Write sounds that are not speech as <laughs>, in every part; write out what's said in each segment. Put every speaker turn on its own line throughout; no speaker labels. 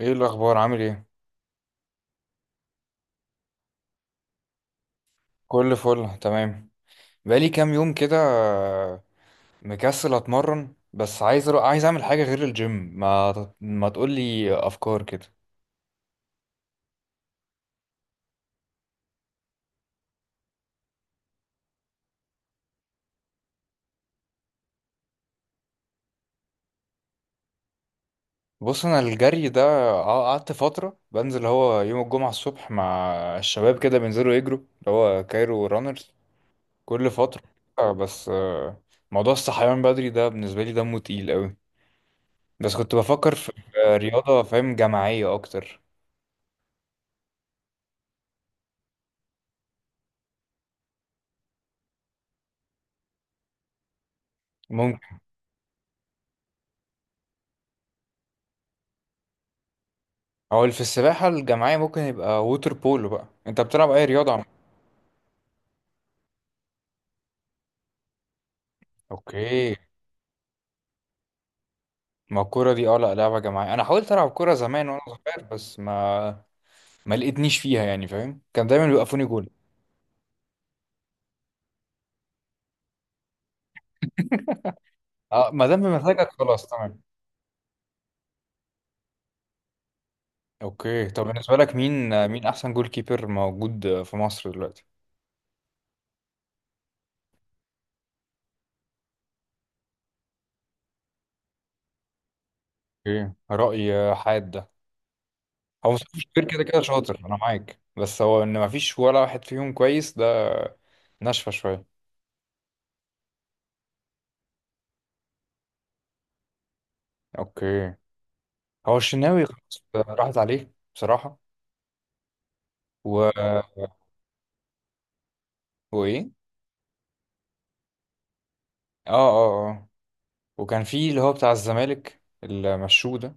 ايه الاخبار، عامل ايه؟ كل فل تمام. بقالي كام يوم كده، مكسل اتمرن، بس عايز اعمل حاجه غير الجيم. ما ما تقولي افكار كده. بص، انا الجري ده، قعدت فتره بنزل، هو يوم الجمعه الصبح مع الشباب كده بينزلوا يجروا اللي هو كايرو رانرز كل فتره. بس موضوع الصحيان بدري ده بالنسبه لي دمه تقيل قوي. بس كنت بفكر في رياضه، فاهم، جماعيه اكتر. ممكن. هو اللي في السباحة الجماعية ممكن يبقى ووتر بولو. بقى انت بتلعب اي رياضة، عم؟ اوكي. ما الكورة دي، اه، لا لعبة جماعية، انا حاولت العب كورة زمان وانا صغير، بس ما لقيتنيش فيها، يعني فاهم، كان دايما بيوقفوني جول. اه، ما دام بمزاجك خلاص تمام. اوكي، طب بالنسبة لك مين احسن جول كيبر موجود في مصر دلوقتي؟ اوكي، رأي حاد ده. هو مصطفى شوبير كده كده شاطر، انا معاك، بس هو ان ما فيش ولا واحد فيهم كويس، ده ناشفة شوية. اوكي. هو الشناوي خلاص راحت عليه بصراحة. و. وايه. اه اه اه. وكان في اللي هو بتاع الزمالك اللي مشوه ده.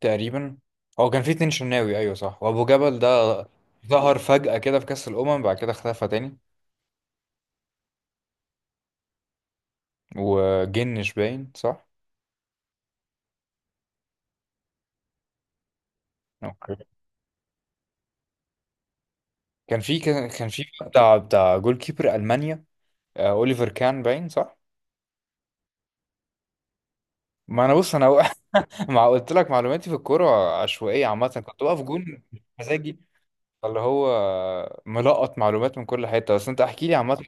تقريبا. هو كان في اتنين شناوي، ايوه صح، وابو جبل ده ظهر فجأة كده في كأس الأمم، بعد كده اختفى تاني. وجنش باين صح. اوكي، كان في بتاع جول كيبر ألمانيا. اوليفر كان باين صح. ما انا، بص انا، <laughs> مع قلت لك معلوماتي في الكوره عشوائيه عامه، كنت بقف جون مزاجي، اللي هو ملقط معلومات من كل حته. بس انت احكي لي عامه.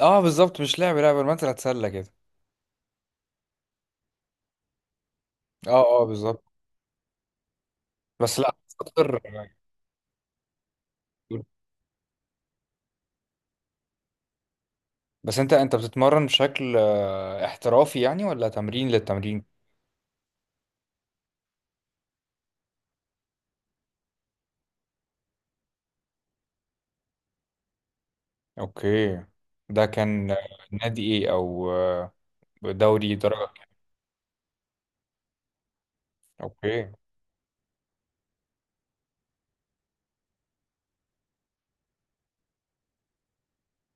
اه بالظبط، مش لعب لعب، المثل هتسلى كده. اه اه بالظبط، بس لا اكتر. بس انت بتتمرن بشكل احترافي، يعني، ولا تمرين للتمرين؟ اوكي، ده كان نادي ايه، او دوري درجة إيه؟ اوكي.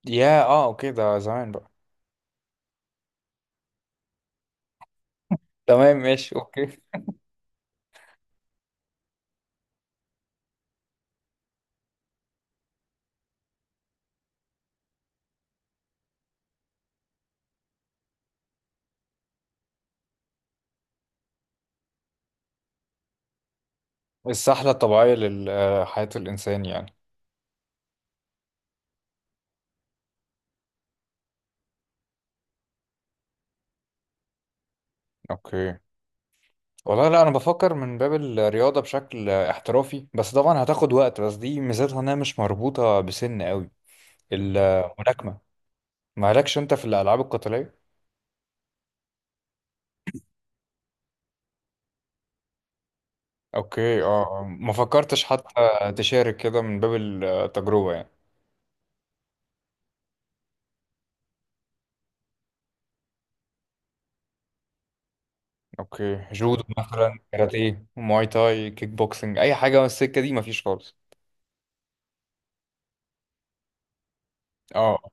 يا اه اوكي، ده زمان بقى. تمام، ماشي، اوكي. السحلة الطبيعية لحياة الانسان يعني. اوكي. والله لا، انا بفكر من باب الرياضة بشكل احترافي، بس طبعا هتاخد وقت، بس دي ميزتها انها مش مربوطة بسن قوي. الملاكمة. مالكش انت في الألعاب القتالية؟ اوكي. اه. آه. ما فكرتش حتى تشارك كده من باب التجربة يعني. اوكي، جودو مثلا، كاراتيه، مواي تاي، كيك بوكسنج، اي حاجة من السكة دي مفيش خالص؟ اه،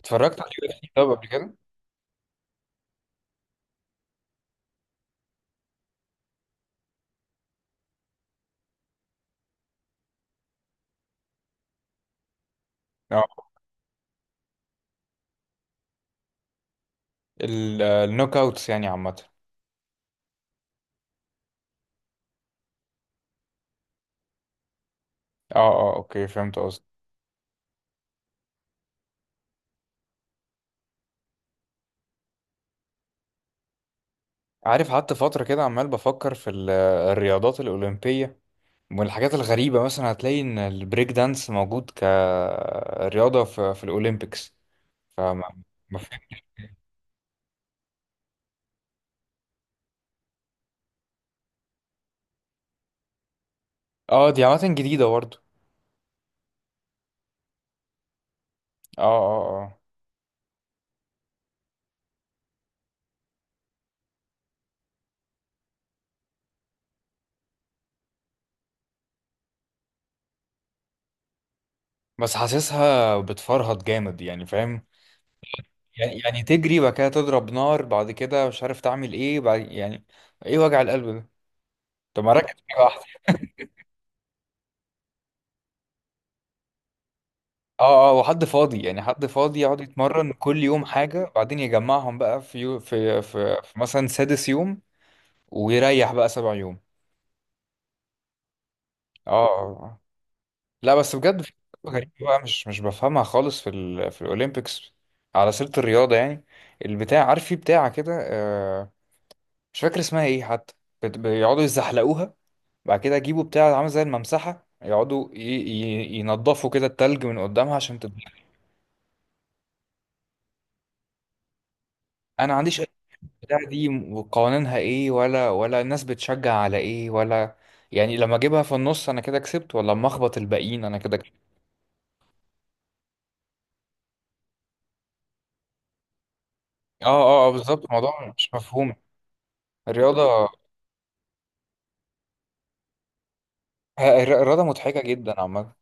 اتفرجت على UFC طب قبل كده؟ اه، النوك اوتس يعني عامة. اه اه، اوكي، فهمت قصدي. عارف، قعدت فترة كده عمال بفكر في الرياضات الأولمبية والحاجات الغريبة، مثلا هتلاقي إن البريك دانس موجود كرياضة في الأولمبيكس. فما ما في- اه، دي عامة جديدة برضه. اه اه اه. بس حاسسها بتفرهد جامد يعني، فاهم، يعني تجري بعد كده تضرب نار بعد كده مش عارف تعمل ايه بعد، يعني ايه وجع القلب ده؟ طب ما ركز في حاجة واحدة. اه اه، وحد فاضي يعني، حد فاضي يقعد يتمرن كل يوم حاجة، بعدين يجمعهم بقى في يو في في, في مثلا سادس يوم، ويريح بقى سبع يوم. اه، آه، آه. لا بس بجد، في حاجة غريبة بقى مش بفهمها خالص في الأولمبيكس، على سيرة الرياضة يعني. البتاع، عارف، في بتاعة كده، مش فاكر اسمها ايه حتى، بيقعدوا يزحلقوها، بعد كده يجيبوا بتاع عامل زي الممسحة يقعدوا ينضفوا كده التلج من قدامها عشان تتزحلق. أنا ما عنديش أي بتاع دي، وقوانينها ايه، ولا الناس بتشجع على ايه، ولا يعني لما اجيبها في النص انا كده كسبت، ولا لما اخبط الباقيين انا كده كسبت. اه اه، آه، بالظبط، الموضوع مش مفهوم. الرياضة الرياضة مضحكة جدا عامة.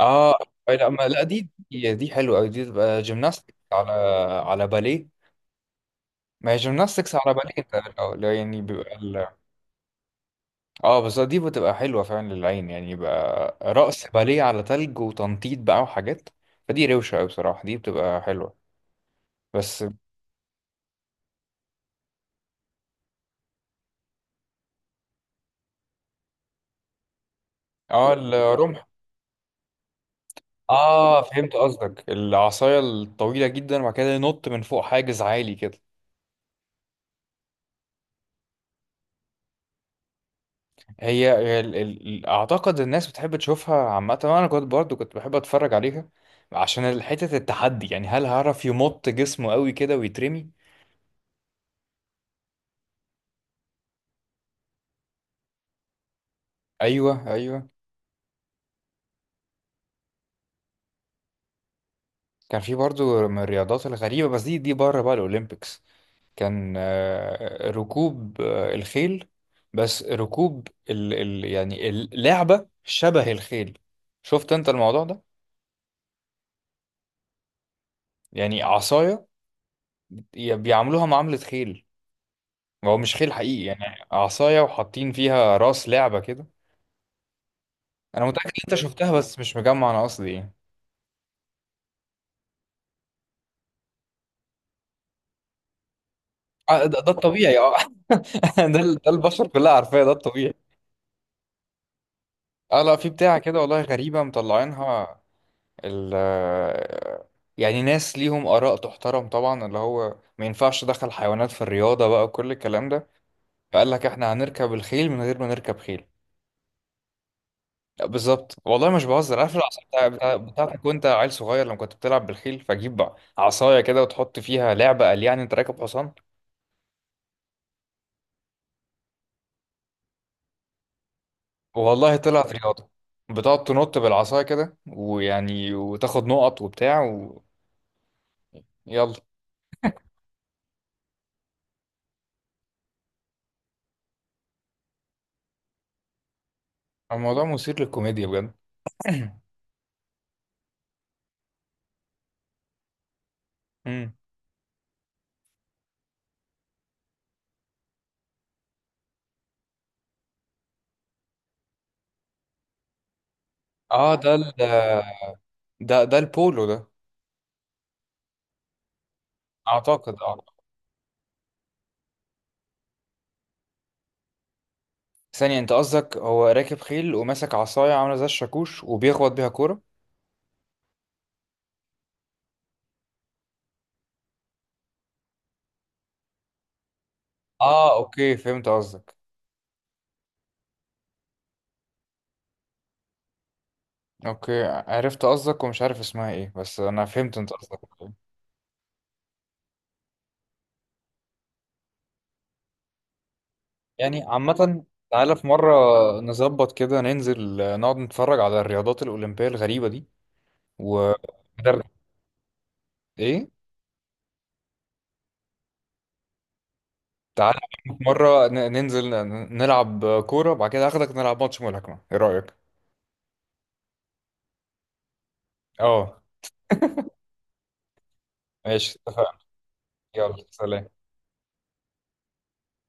اه لا، ما، لا، دي حلوة أوي، دي تبقى جيمناستكس على باليه. ما هي جيمناستكس على باليه، ده لا لا، يعني بيبقى اه بس دي بتبقى حلوة فعلا للعين، يعني يبقى رقص باليه على تلج وتنطيط بقى وحاجات، فدي روشة أوي بصراحة، دي بتبقى حلوة بس. اه، الرمح. اه، فهمت قصدك، العصاية الطويلة جدا وبعد كده ينط من فوق حاجز عالي كده. هي ال... ال... ال- اعتقد الناس بتحب تشوفها عامه، وانا كنت برضو بحب اتفرج عليها عشان حته التحدي، يعني هل هعرف يمط جسمه قوي كده ويترمي. ايوه ايوه. كان في برضو من الرياضات الغريبه، بس دي بره بقى الاولمبيكس، كان ركوب الخيل، بس ركوب يعني اللعبه شبه الخيل. شفت انت الموضوع ده؟ يعني عصايه بيعاملوها معامله خيل، هو مش خيل حقيقي، يعني عصاية وحاطين فيها راس لعبة كده. أنا متأكد إن أنت شفتها بس مش مجمع أنا قصدي إيه. آه، ده الطبيعي، أه. <laughs> ده البشر كلها عارفاه، ده الطبيعي. أه لا، في بتاعة كده، والله غريبة مطلعينها. ال يعني ناس ليهم آراء تحترم طبعا اللي هو ما ينفعش دخل حيوانات في الرياضة بقى، وكل الكلام ده، فقال لك إحنا هنركب الخيل من غير ما نركب خيل. بالظبط، والله مش بهزر، عارف العصا بتاع بتاعتك وانت عيل صغير لما كنت بتلعب بالخيل؟ فجيب عصايه كده وتحط فيها لعبه، قال يعني انت راكب حصان. والله طلعت رياضه، بتقعد تنط بالعصايه كده، ويعني وتاخد نقط وبتاع. ويلا. الموضوع مثير للكوميديا بجد. امم. اه، ده ده البولو ده. اعتقد، اه. ثانيه، انت قصدك هو راكب خيل وماسك عصايه عامله زي الشاكوش وبيخبط بيها كوره؟ اه اوكي، فهمت قصدك. اوكي، عرفت قصدك ومش عارف اسمها ايه، بس انا فهمت انت قصدك إيه. يعني عامة، تعالى في مرة نظبط كده ننزل، نقعد نتفرج على الرياضات الأولمبية الغريبة دي. و ندرب- ايه، تعالى في مرة ننزل نلعب كورة، بعد كده هاخدك نلعب ماتش ملاكمة، ايه رأيك؟ اه ماشي، اتفقنا. يلا سلام.